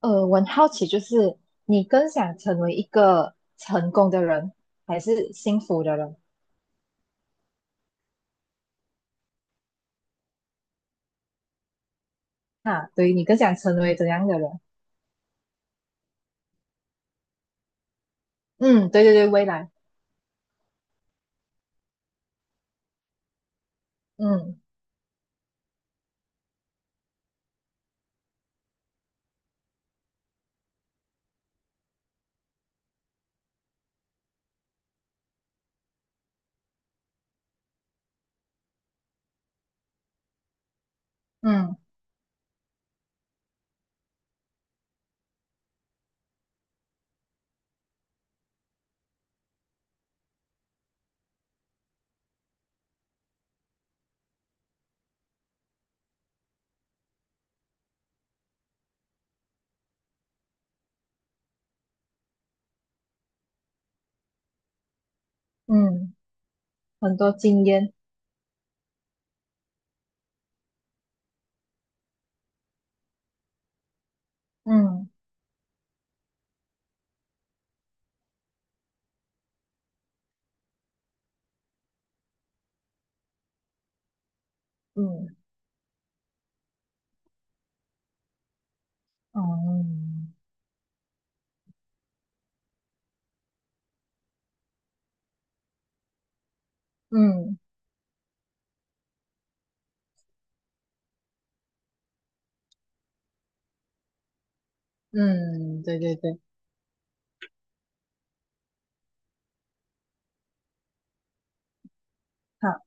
我很好奇，就是你更想成为一个成功的人，还是幸福的人？啊，对，你更想成为怎样的人？嗯，对对对，未来，嗯嗯嗯，很多经验，嗯嗯哦嗯嗯嗯，对对对，好，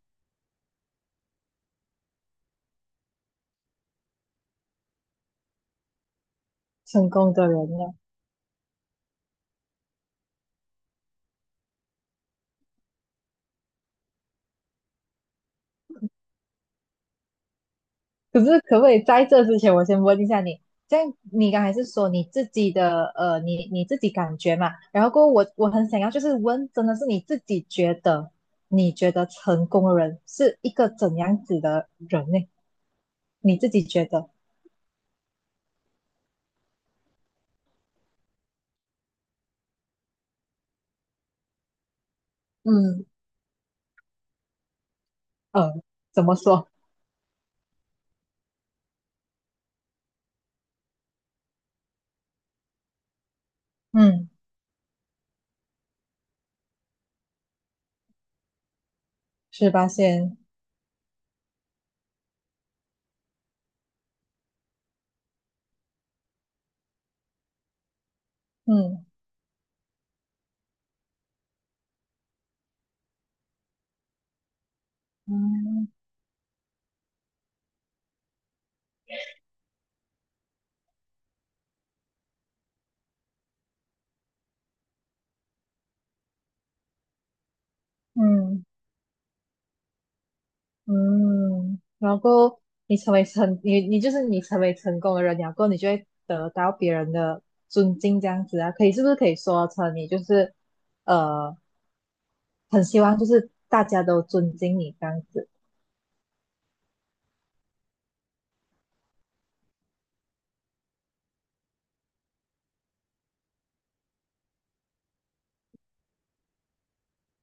成功的人呢？可是可不可以在这之前，我先问一下你，这样你刚才是说你自己的你自己感觉嘛？然后过后我很想要就是问，真的是你自己觉得，你觉得成功的人是一个怎样子的人呢？你自己觉得，嗯。呃，怎么说？嗯，十八线，嗯嗯。嗯。嗯，然后你就是你成为成功的人，然后你就会得到别人的尊敬，这样子啊，是不是可以说成你就是呃，很希望就是大家都尊敬你这样子。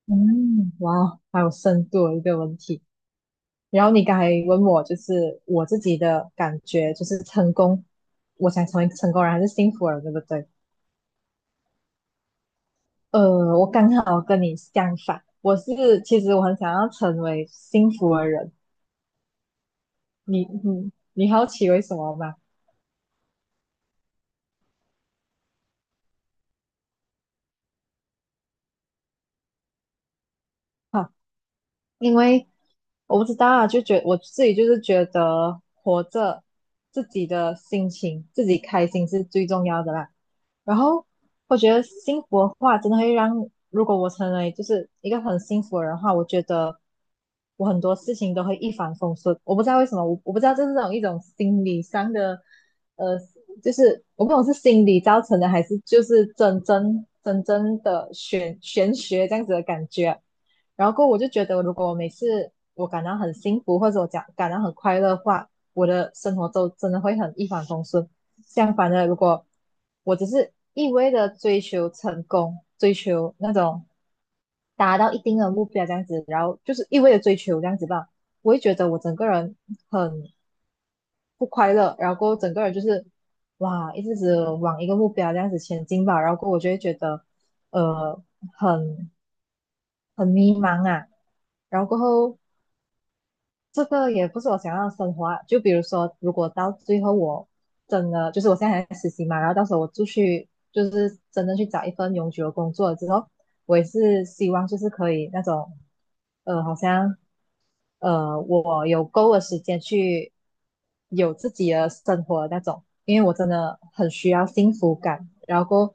嗯，哇，好有深度的一个问题。然后你刚才问我就是我自己的感觉，就是成功，我想成为成功人还是幸福人，对不对？我刚好跟你相反，其实我很想要成为幸福的人。你好奇为什么吗？哈，因为我不知道啊，就觉我自己就是觉得活着，自己的心情，自己开心是最重要的啦。然后我觉得幸福的话，真的会让，如果我成为就是一个很幸福的人的话，我觉得我很多事情都会一帆风顺。我不知道为什么，我不知道这是一种心理上的，呃，就是我不懂是心理造成的，还是就是真正的玄学这样子的感觉啊。然后过后我就觉得，如果我每次我感到很幸福，或者我讲感到很快乐的话，我的生活都真的会很一帆风顺。相反的，如果我只是一味的追求成功，追求那种达到一定的目标这样子，然后就是一味的追求这样子吧，我会觉得我整个人很不快乐，然后过后整个人就是哇，一直只往一个目标这样子前进吧，然后过后我就会觉得呃很很迷茫啊，然后过后。这个也不是我想要的生活啊。就比如说，如果到最后我真的就是我现在还在实习嘛，然后到时候我出去就是真的去找一份永久的工作了之后，我也是希望就是可以那种，好像我有够的时间去有自己的生活那种，因为我真的很需要幸福感，然后，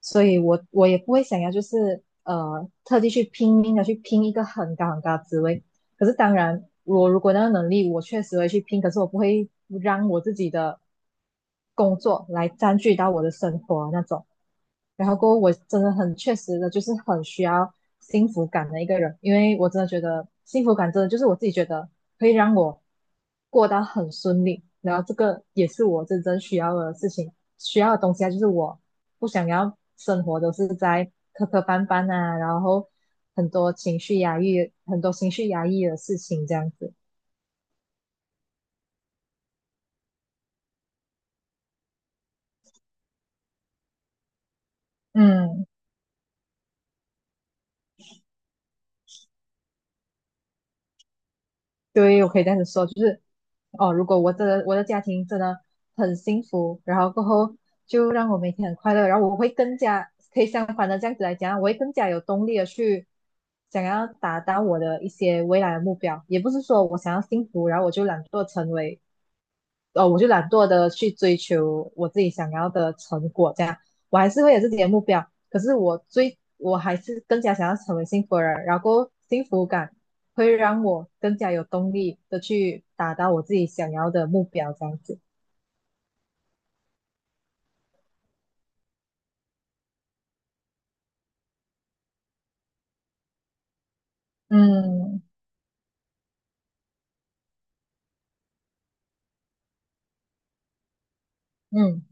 所以我也不会想要就是特地去拼命的去拼一个很高很高的职位，可是当然我如果那个能力，我确实会去拼，可是我不会让我自己的工作来占据到我的生活啊那种，然后过后我真的很确实的，就是很需要幸福感的一个人，因为我真的觉得幸福感真的就是我自己觉得可以让我过得很顺利，然后这个也是我真正需要的事情，需要的东西啊，就是我不想要生活都是在磕磕绊绊啊，然后很多情绪压抑，很多情绪压抑的事情这样子，嗯。对，我可以这样子说，就是哦，如果我的家庭真的很幸福，然后过后就让我每天很快乐，然后我会更加可以相反的这样子来讲，我会更加有动力的去想要达到我的一些未来的目标。也不是说我想要幸福，然后我就懒惰的去追求我自己想要的成果，这样我还是会有自己的目标，可是我还是更加想要成为幸福的人，然后幸福感会让我更加有动力的去达到我自己想要的目标，这样子，嗯嗯，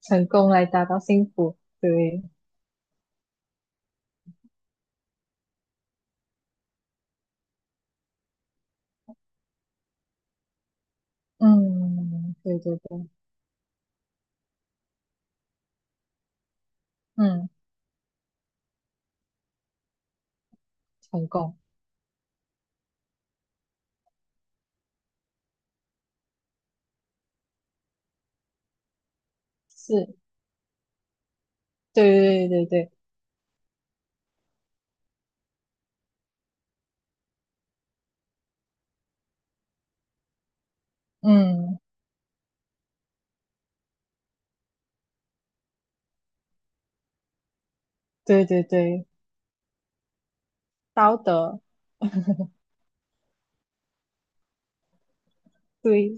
成功来达到幸福，对，嗯，对对对，嗯，成功是，对对对对，嗯，对对对，道德，对，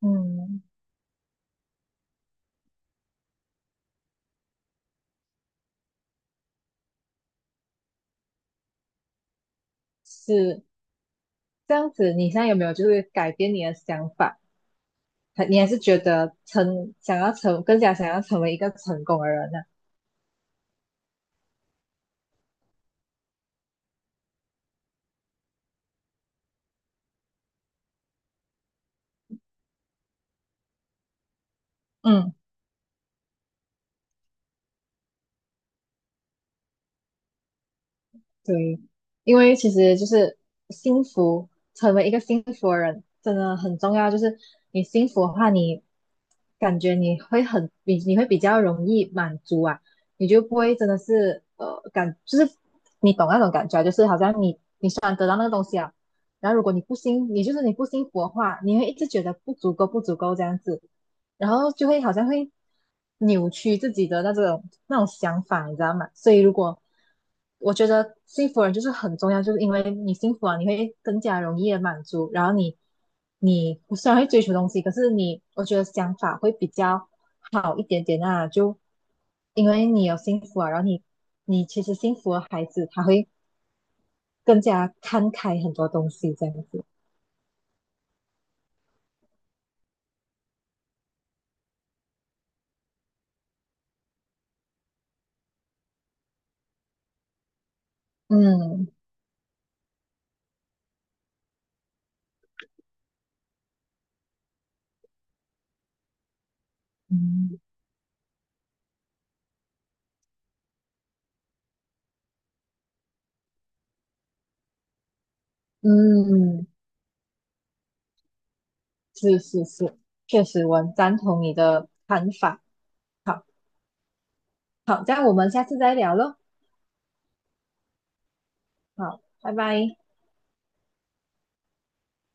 嗯，是。这样子，你现在有没有就是改变你的想法？你还是觉得成想要成更加想要成为一个成功的人呢、嗯。对，因为其实就是幸福，成为一个幸福的人真的很重要。就是你幸福的话，你感觉你会比较容易满足啊，你就不会真的是就是你懂那种感觉啊，就是好像你虽然得到那个东西啊，然后如果你不幸你就是你不幸福的话，你会一直觉得不足够不足够这样子，然后就会好像会扭曲自己的那种想法，你知道吗？所以如果我觉得幸福人就是很重要，就是因为你幸福了，你会更加容易的满足，然后你虽然会追求东西，可是你我觉得想法会比较好一点点啊，就因为你有幸福啊，然后你其实幸福的孩子他会更加看开很多东西这样子，嗯嗯，嗯。是是是，确实我很赞同你的看法。好，好，这样我们下次再聊喽。好，拜拜。